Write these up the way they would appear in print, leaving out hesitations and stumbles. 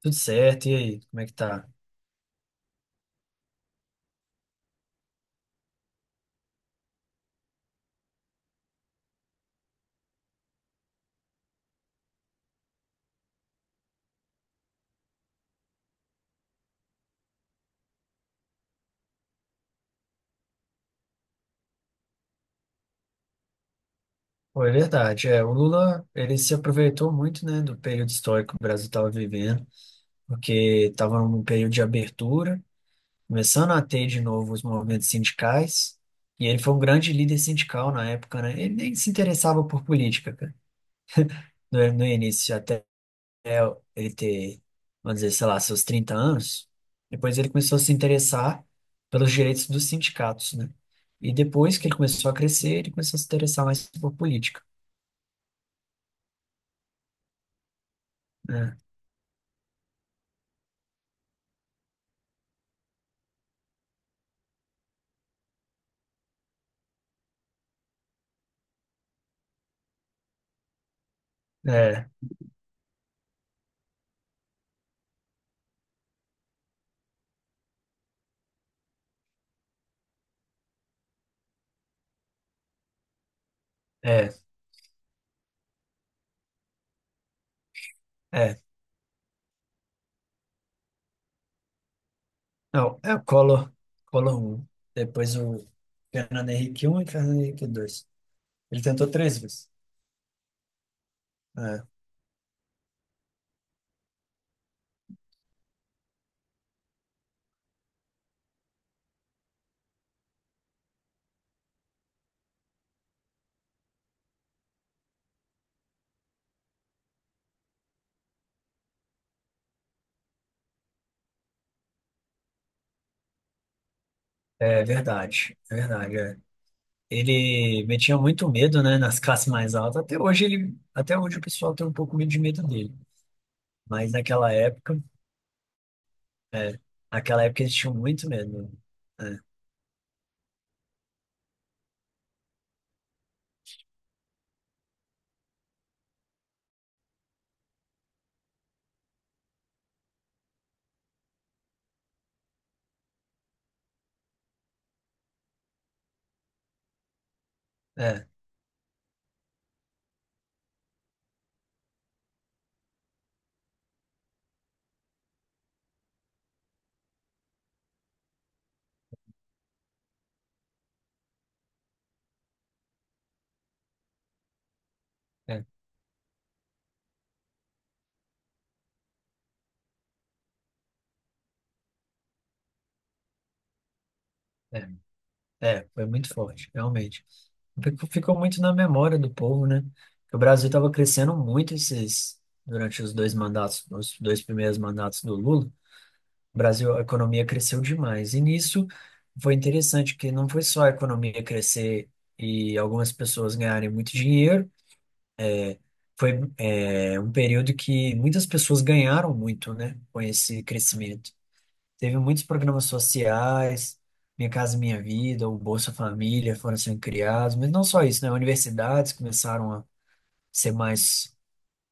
Tudo certo, e aí, como é que tá? Pô, é verdade, é, o Lula, ele se aproveitou muito, né, do período histórico que o Brasil estava vivendo, porque estava num período de abertura, começando a ter de novo os movimentos sindicais, e ele foi um grande líder sindical na época, né, ele nem se interessava por política, cara, no início, até ele ter, vamos dizer, sei lá, seus 30 anos, depois ele começou a se interessar pelos direitos dos sindicatos, né, e depois que ele começou a crescer, ele começou a se interessar mais por política. É, é, é. É. Não, é o Collor, Collor um. Depois o Fernando Henrique um e Fernando Henrique dois. Ele tentou três vezes. É, é verdade, é verdade. É. Ele metia muito medo, né, nas classes mais altas. Até hoje ele, até hoje o pessoal tem um pouco meio de medo dele. Mas naquela época, é, naquela época eles tinham muito medo. É, é, é, é, é, foi muito forte, realmente. Ficou muito na memória do povo, né? Que o Brasil estava crescendo muito durante os dois mandatos, os dois primeiros mandatos do Lula. O Brasil, a economia cresceu demais. E nisso foi interessante que não foi só a economia crescer e algumas pessoas ganharem muito dinheiro. Foi, um período que muitas pessoas ganharam muito, né? Com esse crescimento. Teve muitos programas sociais. Minha Casa Minha Vida, o Bolsa Família foram sendo criados, mas não só isso, né? Universidades começaram a ser mais,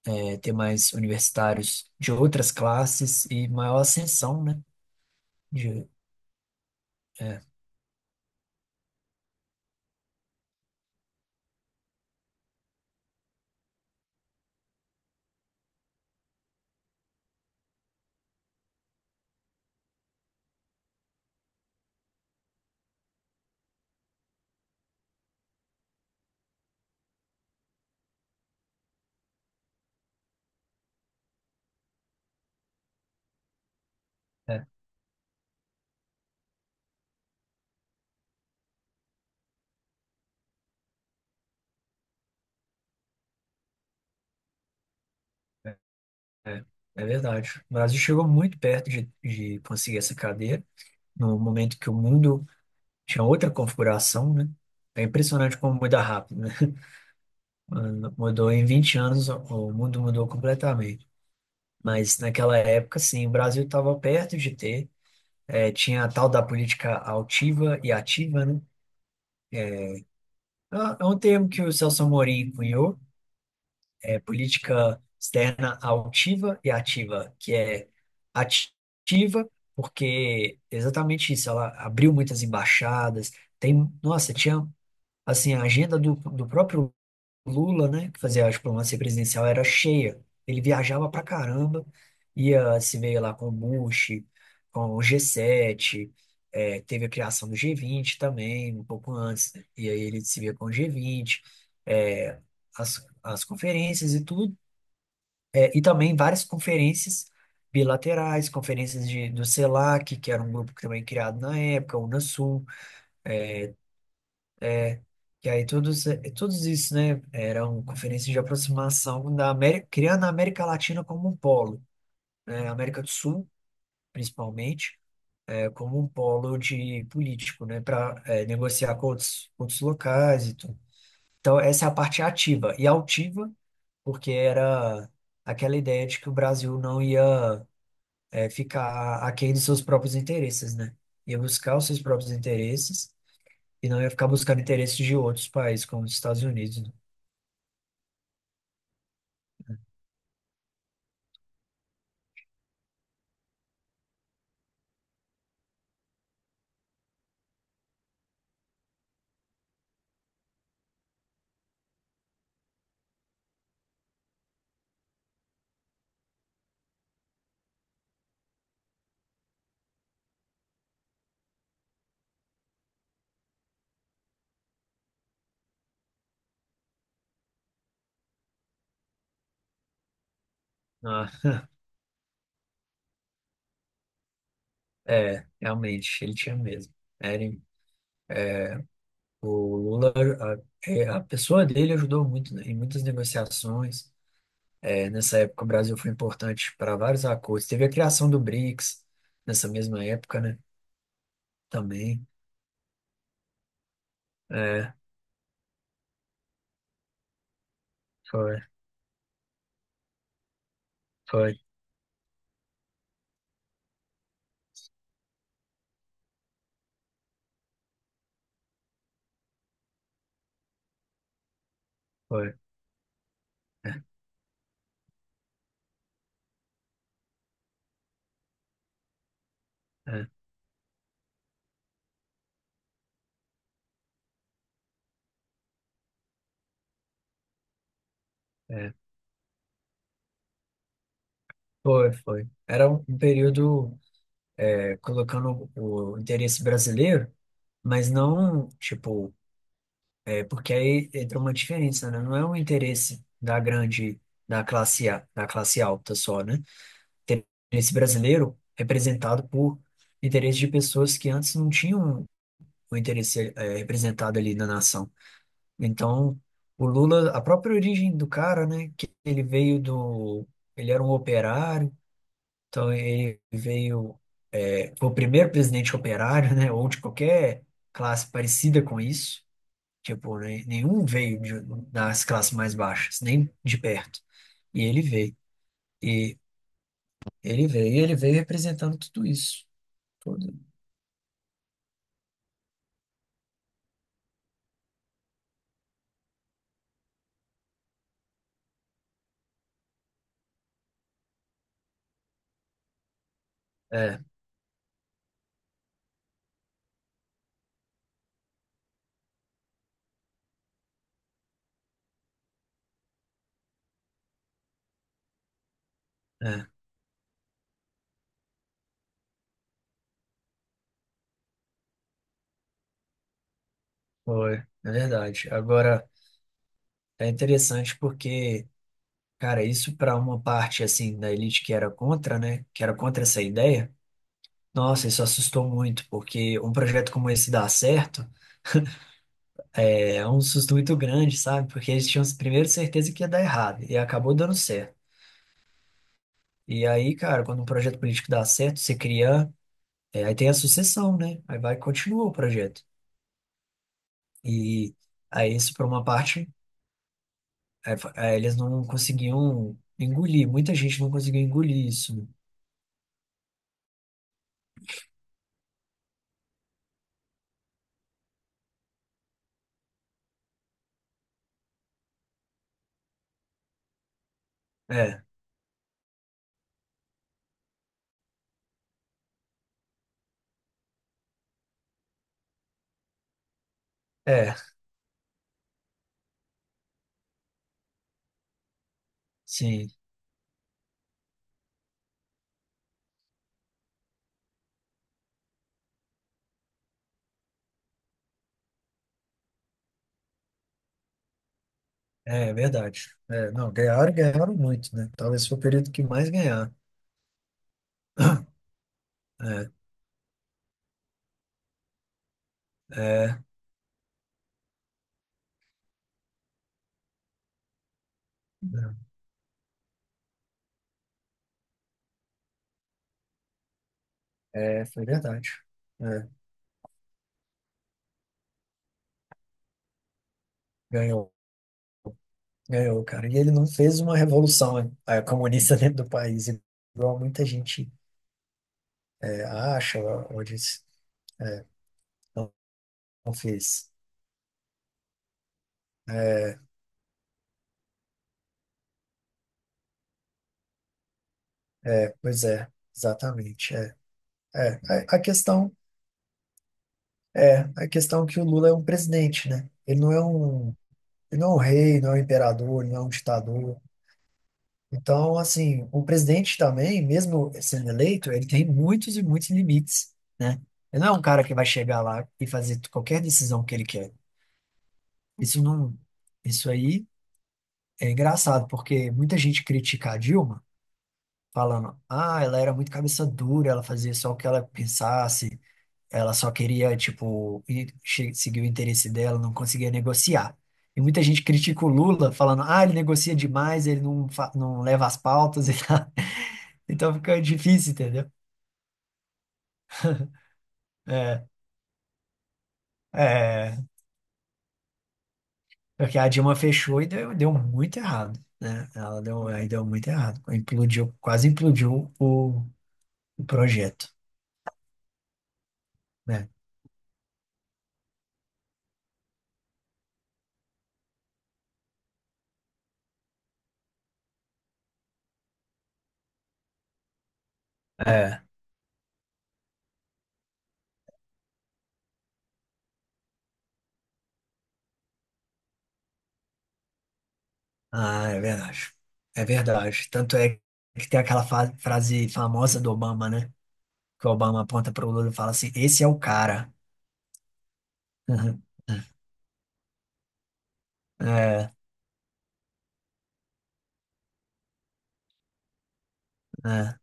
ter mais universitários de outras classes e maior ascensão, né? De, é, é, é, é verdade. O Brasil chegou muito perto de conseguir essa cadeira, no momento que o mundo tinha outra configuração, né? É impressionante como muda rápido, né? Mudou em 20 anos, o mundo mudou completamente. Mas naquela época, sim, o Brasil estava perto de ter. É, tinha a tal da política altiva e ativa, né? É um termo que o Celso Amorim cunhou. É política externa altiva e ativa, que é ativa, porque exatamente isso, ela abriu muitas embaixadas, tem, nossa, tinha, assim, a agenda do próprio Lula, né, que fazia a diplomacia presidencial, era cheia, ele viajava pra caramba, ia se ver lá com o Bush, com o G7, teve a criação do G20 também, um pouco antes, e aí ele se via com o G20, eh, as conferências e tudo, e também várias conferências bilaterais, conferências de, do CELAC, que era um grupo que também criado na época, o Unasul, que aí todos isso, né, eram conferências de aproximação da América, criando a América Latina como um polo, né, América do Sul, principalmente, como um polo de político, né, para negociar com outros locais e tudo. Então, essa é a parte ativa. E altiva, porque era aquela ideia de que o Brasil não ia ficar aquém dos seus próprios interesses, né? Ia buscar os seus próprios interesses e não ia ficar buscando interesses de outros países, como os Estados Unidos, né? Ah, é, realmente, ele tinha mesmo. Era, em- o Lula, a pessoa dele ajudou muito, né, em muitas negociações. É, nessa época, o Brasil foi importante para vários acordos. Teve a criação do BRICS nessa mesma época, né? Também. É, foi, foi, foi. É, é, é. Foi, foi. Era um período colocando o interesse brasileiro, mas não, tipo, porque aí entra uma diferença, né? Não é um interesse da grande, da classe A, da classe alta só, né? Interesse brasileiro representado por interesse de pessoas que antes não tinham o interesse, é, representado ali na nação. Então, o Lula, a própria origem do cara, né? Que ele veio do, ele era um operário, então ele veio. Foi o primeiro presidente operário, né? Ou de qualquer classe parecida com isso. Tipo, né, nenhum veio das classes mais baixas, nem de perto. E ele veio. E ele veio representando tudo isso. Tudo. É, é, foi, é verdade. Agora, é interessante porque, cara, isso para uma parte, assim, da elite que era contra, né? Que era contra essa ideia, nossa, isso assustou muito, porque um projeto como esse dá certo. É um susto muito grande, sabe? Porque eles tinham primeiro certeza que ia dar errado e acabou dando certo. E aí, cara, quando um projeto político dá certo, você cria, aí tem a sucessão, né? Aí vai e continua o projeto. E aí isso, por uma parte, eles não conseguiam engolir, muita gente não conseguiu engolir isso. Né? É, é, sim, é, é verdade. É, não, ganharam, ganharam muito, né? Talvez foi o período que mais ganharam. É, é, é, foi verdade. É, ganhou. Ganhou, cara. E ele não fez uma revolução comunista dentro do país, igual muita gente acha ou diz. É, não, não fez. É, é, pois é, exatamente. É, a, a questão a questão é que o Lula é um presidente, né? Ele não é um rei, não é um imperador, não é um ditador. Então, assim, o presidente também, mesmo sendo eleito, ele tem muitos e muitos limites, né? Ele não é um cara que vai chegar lá e fazer qualquer decisão que ele quer. Isso não, isso aí é engraçado, porque muita gente critica a Dilma, falando, ah, ela era muito cabeça dura, ela fazia só o que ela pensasse, ela só queria, tipo, seguir o interesse dela, não conseguia negociar. E muita gente critica o Lula, falando, ah, ele negocia demais, ele não, não leva as pautas e tal. Então fica difícil, entendeu? É, é, porque a Dilma fechou e deu muito errado, né? Ela deu, aí deu muito errado. Implodiu, quase implodiu o projeto, né? É. Ah, é verdade. É verdade. Tanto é que tem aquela frase famosa do Obama, né? Que o Obama aponta pro Lula e fala assim: esse é o cara. Uhum. É, é.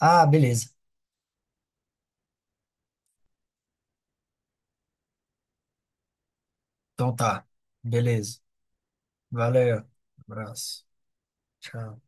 Ah, beleza. Então tá. Beleza. Valeu. Abraço. Tchau.